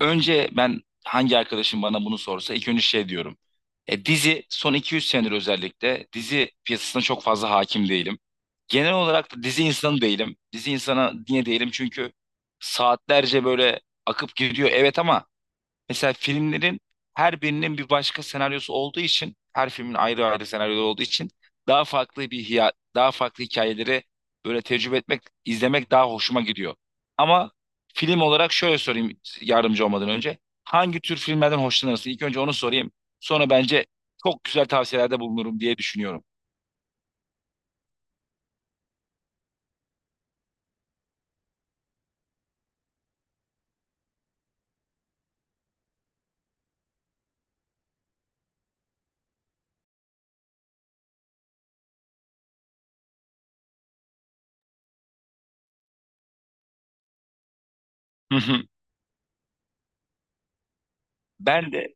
Önce ben hangi arkadaşım bana bunu sorsa ilk önce şey diyorum. Dizi son 200 senedir özellikle dizi piyasasına çok fazla hakim değilim. Genel olarak da dizi insanı değilim. Dizi insana niye değilim? Çünkü saatlerce böyle akıp gidiyor, evet, ama mesela filmlerin her birinin bir başka senaryosu olduğu için, her filmin ayrı ayrı senaryoları olduğu için daha farklı hikayeleri böyle tecrübe etmek, izlemek daha hoşuma gidiyor. Ama film olarak şöyle sorayım, yardımcı olmadan önce. Hangi tür filmlerden hoşlanırsın? İlk önce onu sorayım. Sonra bence çok güzel tavsiyelerde bulunurum diye düşünüyorum. Hı hı. Ben de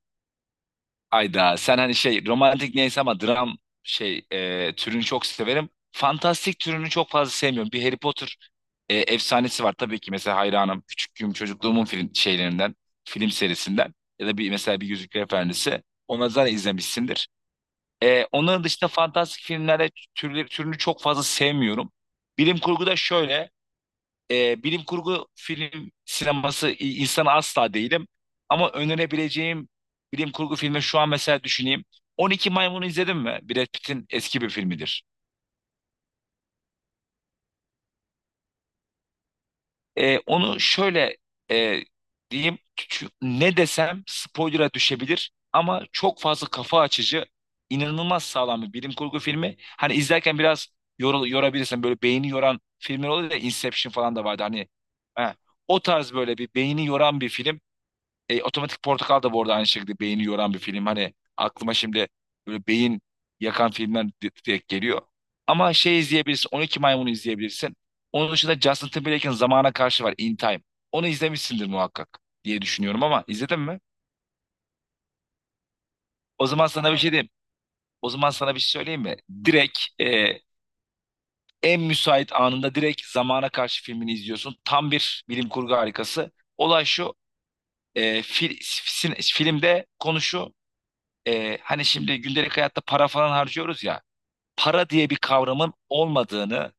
Ayda, sen hani şey romantik neyse ama dram türünü çok severim. Fantastik türünü çok fazla sevmiyorum. Bir Harry Potter efsanesi var, tabii ki, mesela hayranım. Küçüklüğüm, çocukluğumun film serisinden ya da bir mesela bir Yüzükler Efendisi. Onları zaten izlemişsindir. Onların dışında fantastik filmlere türünü çok fazla sevmiyorum. Bilim kurgu da şöyle, bilim kurgu film sineması insanı asla değilim. Ama önerebileceğim bilim kurgu filmi şu an mesela düşüneyim. 12 Maymun'u izledin mi? Brad Pitt'in eski bir filmidir. Onu şöyle e, diyeyim. Ne desem spoiler'a düşebilir. Ama çok fazla kafa açıcı, inanılmaz sağlam bir bilim kurgu filmi. Hani izlerken biraz yorabilirsin. Böyle beyni yoran filmler oluyor ya. Inception falan da vardı. Hani heh, o tarz böyle bir beyni yoran bir film. Otomatik Portakal da bu arada aynı şekilde beyni yoran bir film. Hani aklıma şimdi böyle beyin yakan filmler direkt geliyor. Ama şey izleyebilirsin. 12 Maymun'u izleyebilirsin. Onun dışında Justin Timberlake'in Zamana Karşı var. In Time. Onu izlemişsindir muhakkak diye düşünüyorum ama izledin mi? O zaman sana bir şey diyeyim. O zaman sana bir şey söyleyeyim mi? Direkt en müsait anında direkt Zamana Karşı filmini izliyorsun. Tam bir bilim kurgu harikası. Olay şu. Filmde konu şu. Hani şimdi gündelik hayatta para falan harcıyoruz ya, para diye bir kavramın olmadığını,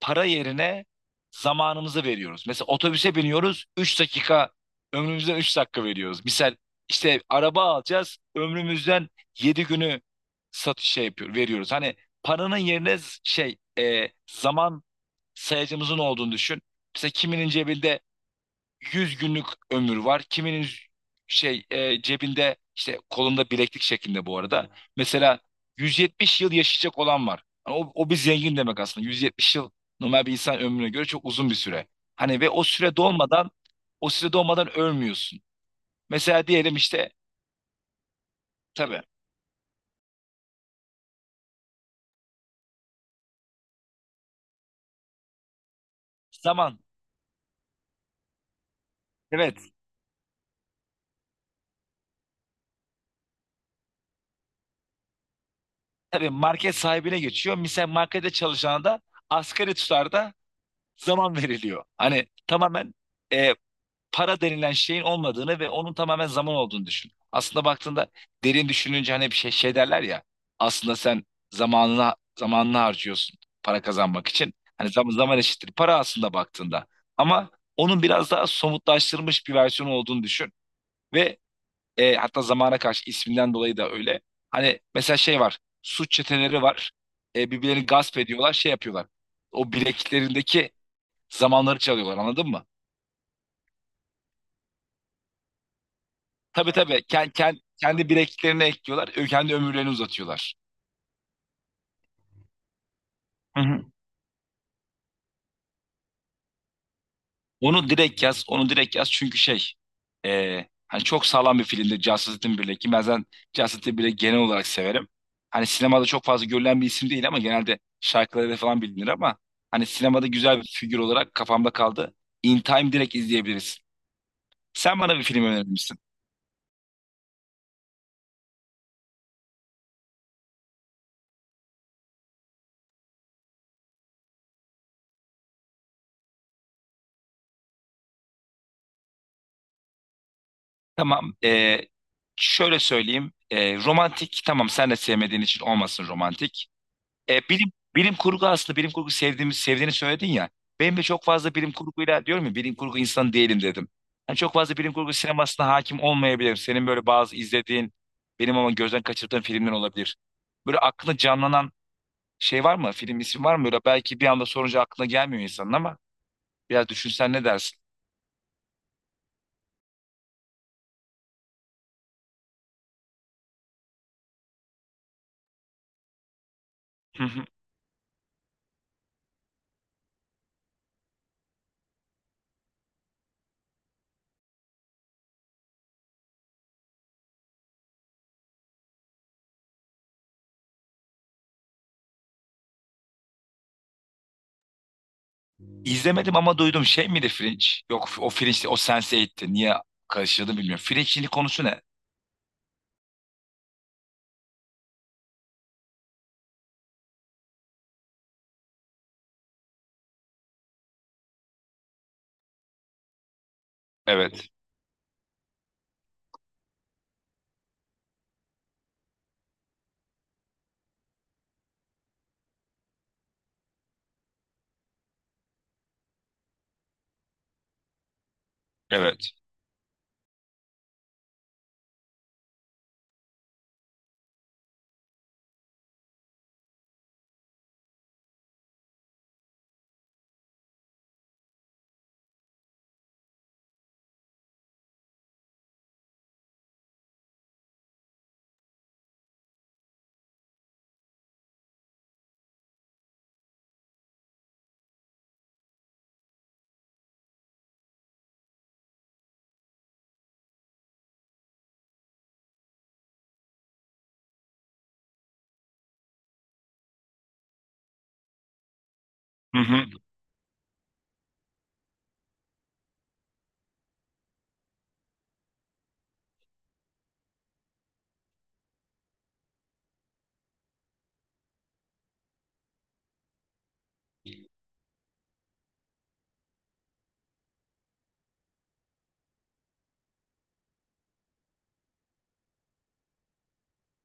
para yerine zamanımızı veriyoruz. Mesela otobüse biniyoruz, 3 dakika, ömrümüzden 3 dakika veriyoruz. Misal işte araba alacağız, ömrümüzden 7 günü satış şey yapıyor, veriyoruz. Hani paranın yerine zaman sayacımızın olduğunu düşün. Mesela kiminin cebinde 100 günlük ömür var. Kiminin cebinde, işte kolunda bileklik şeklinde bu arada. Mesela 170 yıl yaşayacak olan var. Hani o, o bir zengin demek aslında. 170 yıl normal bir insan ömrüne göre çok uzun bir süre. Hani ve o süre dolmadan ölmüyorsun. Mesela diyelim işte. Tabii. Zaman, evet. Tabii, market sahibine geçiyor. Mesela markette çalışana da asgari tutarda zaman veriliyor. Hani tamamen e, para denilen şeyin olmadığını ve onun tamamen zaman olduğunu düşün. Aslında baktığında, derin düşününce, hani bir şey derler ya, aslında sen zamanını harcıyorsun para kazanmak için. Hani zaman eşittir para aslında baktığında. Ama onun biraz daha somutlaştırılmış bir versiyonu olduğunu düşün. Ve hatta zamana karşı isminden dolayı da öyle. Hani mesela şey var, suç çeteleri var. Birbirlerini gasp ediyorlar, şey yapıyorlar. O bileklerindeki zamanları çalıyorlar, anladın mı? Tabii tabii. Kendi bileklerine ekliyorlar. Kendi ömürlerini uzatıyorlar. Hı hı. Onu direkt yaz. Onu direkt yaz. Çünkü hani çok sağlam bir filmdir Justice Timberlake, ki ben zaten Justice Timberlake'i genel olarak severim. Hani sinemada çok fazla görülen bir isim değil ama genelde şarkılarıyla falan bilinir ama hani sinemada güzel bir figür olarak kafamda kaldı. In Time direkt izleyebiliriz. Sen bana bir film önermişsin. Tamam. Şöyle söyleyeyim. Romantik tamam, sen de sevmediğin için olmasın romantik. Bilim kurgu, aslında bilim kurgu sevdiğini söyledin ya. Benim de çok fazla bilim kurguyla, diyorum ya, bilim kurgu insanı değilim dedim. Hani çok fazla bilim kurgu sinemasına hakim olmayabilirim. Senin böyle bazı izlediğin, benim ama gözden kaçırdığım filmler olabilir. Böyle aklına canlanan şey var mı? Film ismi var mı? Böyle belki bir anda sorunca aklına gelmiyor insanın ama biraz düşünsen ne dersin? Hı hı. İzlemedim ama duydum, şey miydi Fringe? Yok, o Fringe, o Sense8'ti. Niye karıştırdım bilmiyorum. Fringe'in konusu ne? Evet. Evet. Hı hı.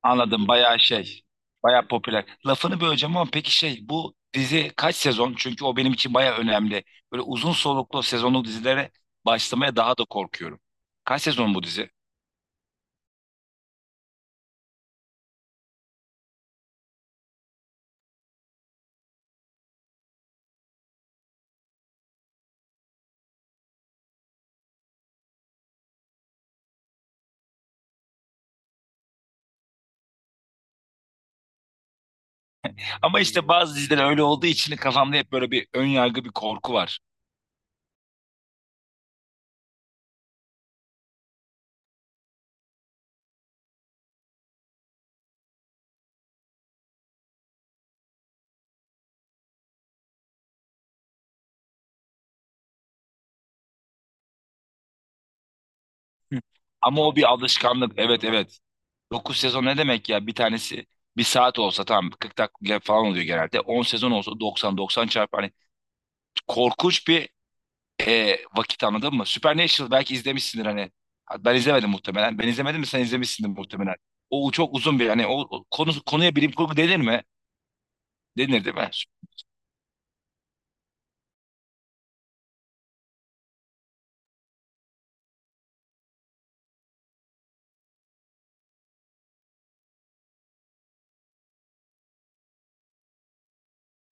Anladım. Bayağı şey. Bayağı popüler. Lafını böleceğim ama, peki şey, bu dizi kaç sezon? Çünkü o benim için bayağı önemli. Böyle uzun soluklu sezonlu dizilere başlamaya daha da korkuyorum. Kaç sezon bu dizi? Ama işte, bazı diziler öyle olduğu için kafamda hep böyle bir ön yargı, bir korku var. Hı. Ama o bir alışkanlık. Evet, evet. 9 sezon ne demek ya? Bir tanesi bir saat olsa tamam 40 dakika falan oluyor genelde. 10 sezon olsa doksan çarpı. Hani korkunç bir vakit, anladın mı? Supernatural belki izlemişsindir hani. Ben izlemedim muhtemelen. Ben izlemedim de sen izlemişsindir muhtemelen. O çok uzun bir, hani o konuya bilim kurgu denir mi? Denir değil mi?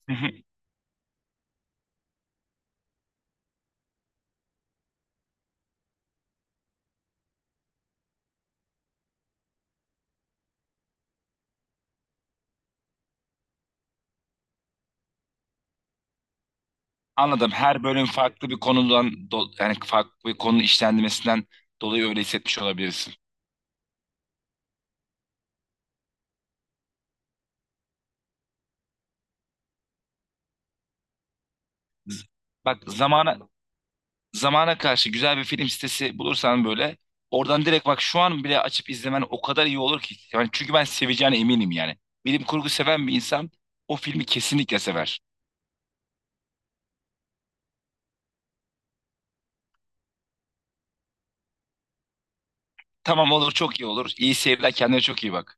Hı hı. Anladım. Her bölüm farklı bir konudan do- yani farklı bir konu işlendirmesinden dolayı öyle hissetmiş olabilirsin. Z- Bak zamana karşı, güzel bir film sitesi bulursan, böyle oradan direkt, bak, şu an bile açıp izlemen o kadar iyi olur ki. Yani çünkü ben seveceğine eminim yani. Bilim kurgu seven bir insan o filmi kesinlikle sever. Tamam, olur, çok iyi olur. İyi seyirler, kendine çok iyi bak.